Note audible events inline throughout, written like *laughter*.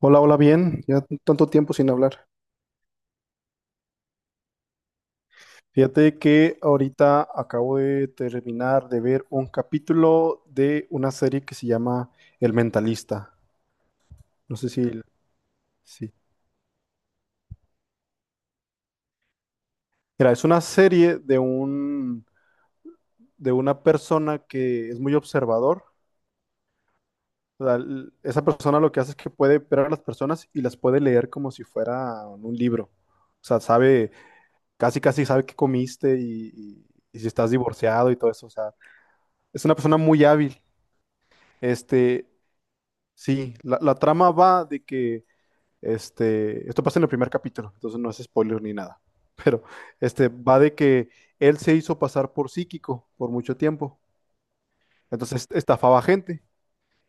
Hola, hola, bien. Ya tanto tiempo sin hablar. Fíjate que ahorita acabo de terminar de ver un capítulo de una serie que se llama El Mentalista. No sé si, sí. Mira, es una serie de un, de una persona que es muy observador. O sea, esa persona lo que hace es que puede ver a las personas y las puede leer como si fuera un libro. O sea, sabe, casi casi sabe qué comiste y si estás divorciado y todo eso. O sea, es una persona muy hábil. Este, sí, la trama va de que este, esto pasa en el primer capítulo, entonces no es spoiler ni nada. *laughs* Pero este va de que él se hizo pasar por psíquico por mucho tiempo. Entonces estafaba a gente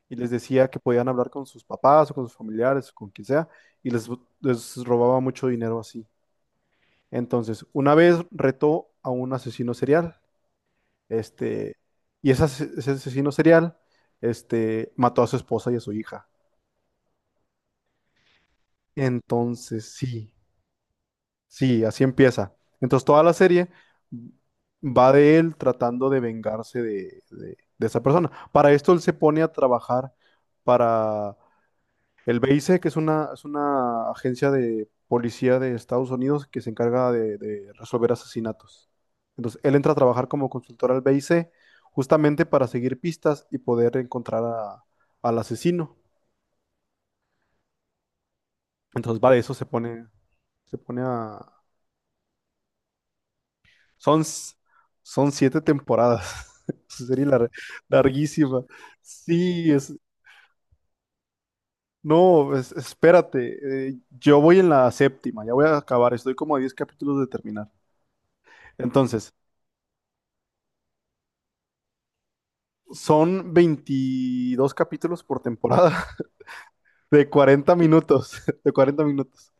y les decía que podían hablar con sus papás o con sus familiares o con quien sea y les robaba mucho dinero así. Entonces, una vez retó a un asesino serial, este, y ese, ese asesino serial, este, mató a su esposa y a su hija. Entonces, sí, sí, así empieza. Entonces, toda la serie va de él tratando de vengarse de esa persona. Para esto, él se pone a trabajar para el BIC, que es una agencia de policía de Estados Unidos que se encarga de resolver asesinatos. Entonces, él entra a trabajar como consultor al BIC justamente para seguir pistas y poder encontrar al asesino. Entonces, va de eso, se pone a. Son, s- son siete temporadas. *laughs* Es una serie larguísima. Sí, es. No, espérate. Yo voy en la séptima, ya voy a acabar. Estoy como a 10 capítulos de terminar. Entonces, son 22 capítulos por temporada *laughs* de 40 minutos. *laughs* De 40 minutos.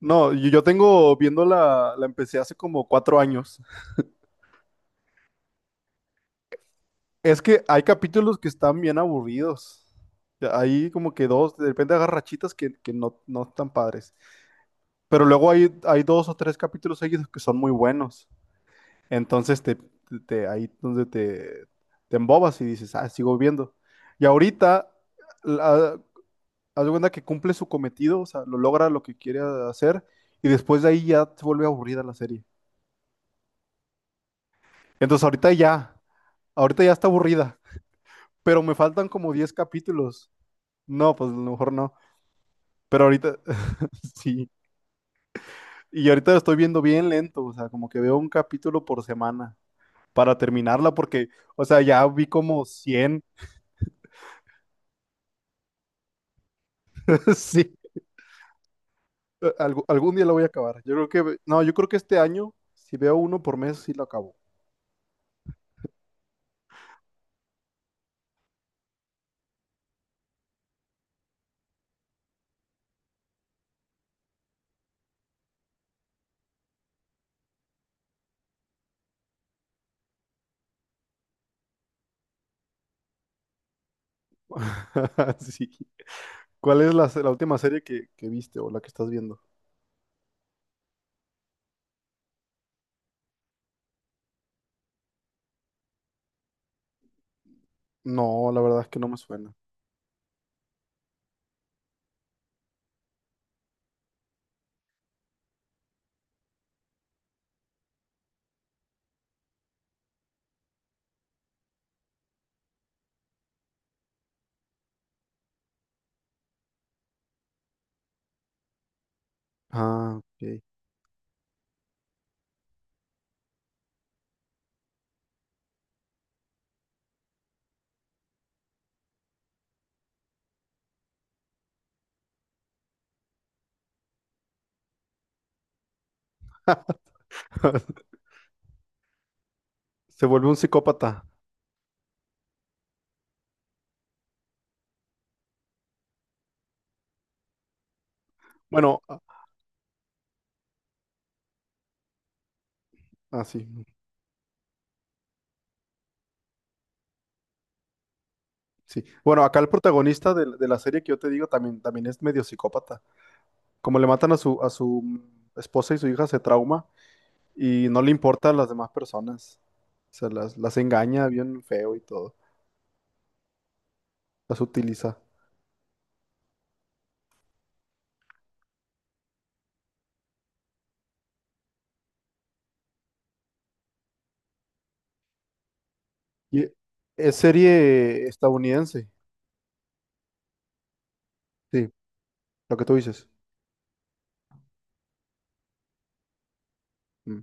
No, yo tengo viéndola, la empecé hace como 4 años. Es que hay capítulos que están bien aburridos. Ya, hay como que dos, de repente agarra rachitas que no, no están padres. Pero luego hay, hay dos o tres capítulos seguidos que son muy buenos. Entonces ahí donde te embobas y dices, ah, sigo viendo. Y ahorita, la, haz de cuenta que cumple su cometido, o sea, lo logra lo que quiere hacer, y después de ahí ya se vuelve aburrida la serie. Entonces ahorita ya está aburrida, pero me faltan como 10 capítulos. No, pues a lo mejor no. Pero ahorita, *laughs* sí. Y ahorita lo estoy viendo bien lento, o sea, como que veo un capítulo por semana, para terminarla porque, o sea, ya vi como 100. *laughs* Sí, algún día la voy a acabar. Yo creo que, no, yo creo que este año, si veo uno por mes, sí lo acabo. *laughs* Sí. ¿Cuál es la, la última serie que viste o la que estás viendo? No, la verdad es que no me suena. Ah, ok. *laughs* Se vuelve un psicópata. Bueno, ah, sí, sí. Bueno, acá el protagonista de la serie que yo te digo también, también es medio psicópata. Como le matan a su esposa y su hija, se trauma y no le importa a las demás personas. O sea, las engaña bien feo y todo. Las utiliza. Y es serie estadounidense. Sí, lo que tú dices. Mm.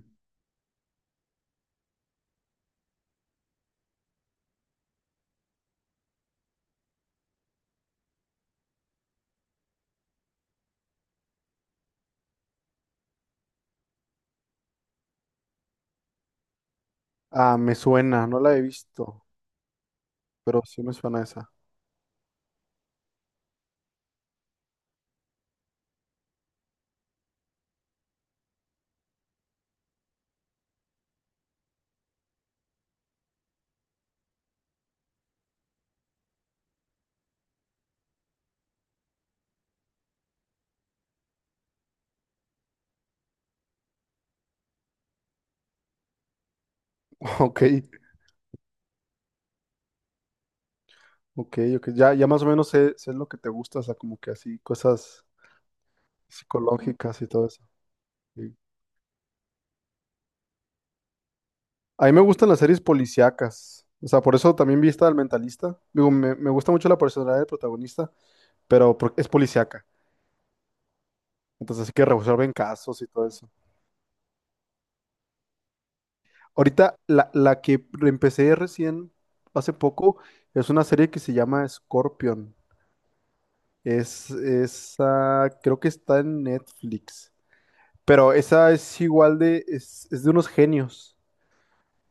Ah, me suena, no la he visto, pero sí me suena esa. *laughs* Ok, ok, ok. Ya, ya más o menos sé lo que te gusta, o sea, como que así, cosas psicológicas y todo eso. Sí. A mí me gustan las series policíacas. O sea, por eso también vi esta del Mentalista. Digo, me gusta mucho la personalidad del protagonista, pero es policíaca. Entonces, así que resuelven casos y todo eso. Ahorita, la que empecé recién, hace poco, es una serie que se llama Scorpion. Esa, creo que está en Netflix. Pero esa es igual de, es de unos genios,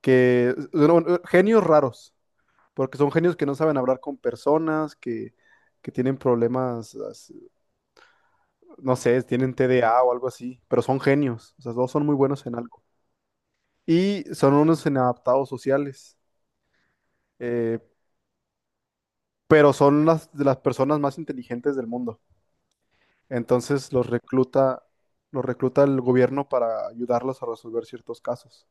que, bueno, genios raros, porque son genios que no saben hablar con personas, que tienen problemas, no sé, tienen TDA o algo así, pero son genios, o sea, todos son muy buenos en algo. Y son unos inadaptados sociales. eh, pero son las, de las personas más inteligentes del mundo. Entonces los recluta el gobierno para ayudarlos a resolver ciertos casos.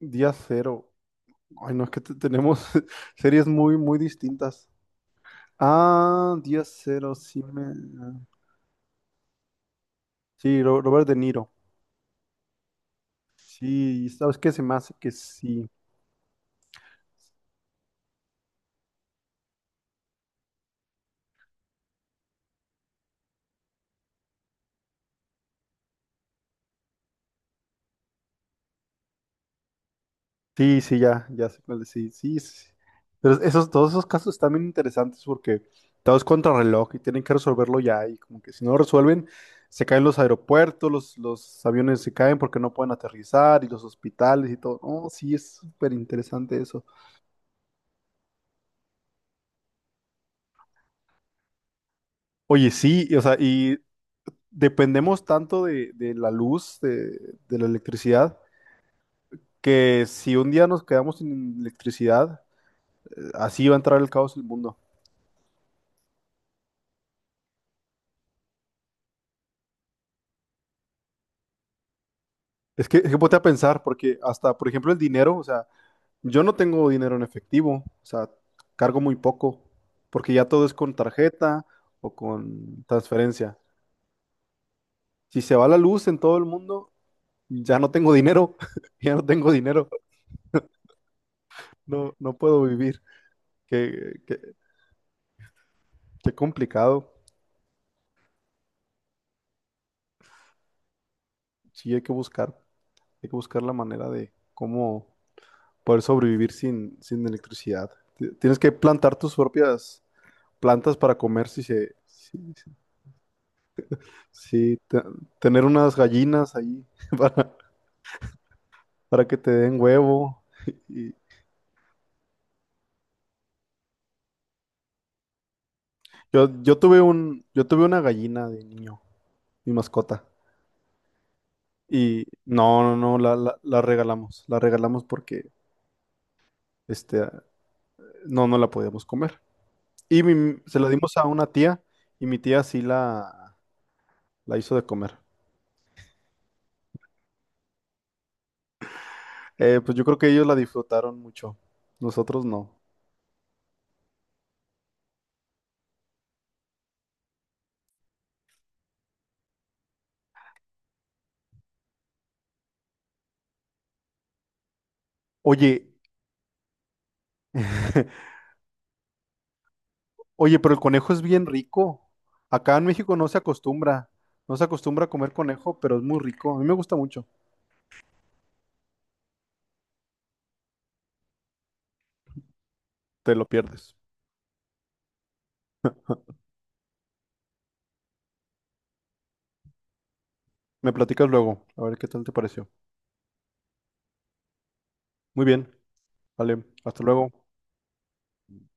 Día cero. Ay, no, es que tenemos *laughs* series muy, muy distintas. Ah, Día cero, sí me... ah. Sí, Robert De Niro. Sí, ¿sabes qué? Se me hace que sí. Sí, sí, ya, ya sé cuál es, sí, sí, sí. Sí. Pero esos, todos esos casos están bien interesantes porque todo es contrarreloj y tienen que resolverlo ya y como que si no lo resuelven, se caen los aeropuertos, los aviones se caen porque no pueden aterrizar y los hospitales y todo. Oh, sí, es súper interesante eso. Oye, sí, y, o sea, y dependemos tanto de la luz, de la electricidad, que si un día nos quedamos sin electricidad, así va a entrar el caos en el mundo. Es que ponte a pensar, porque hasta, por ejemplo, el dinero, o sea, yo no tengo dinero en efectivo, o sea, cargo muy poco, porque ya todo es con tarjeta o con transferencia. Si se va la luz en todo el mundo, ya no tengo dinero, *laughs* ya no tengo dinero, no, no puedo vivir. Qué, qué complicado. Sí, hay que buscar la manera de cómo poder sobrevivir sin, sin electricidad. Tienes que plantar tus propias plantas para comer si se, sí, tener unas gallinas ahí *laughs* para, para que te den huevo. *laughs* Y yo tuve un, yo tuve una gallina de niño, mi mascota. Y no, no, no, la regalamos. La regalamos porque este, no, no la podíamos comer. Y se la dimos a una tía y mi tía sí la hizo de comer. Pues yo creo que ellos la disfrutaron mucho. Nosotros no. Oye, *laughs* oye, pero el conejo es bien rico. Acá en México no se acostumbra. No se acostumbra a comer conejo, pero es muy rico. A mí me gusta mucho. Te lo pierdes. Me platicas luego, a ver qué tal te pareció. Muy bien. Vale, hasta luego.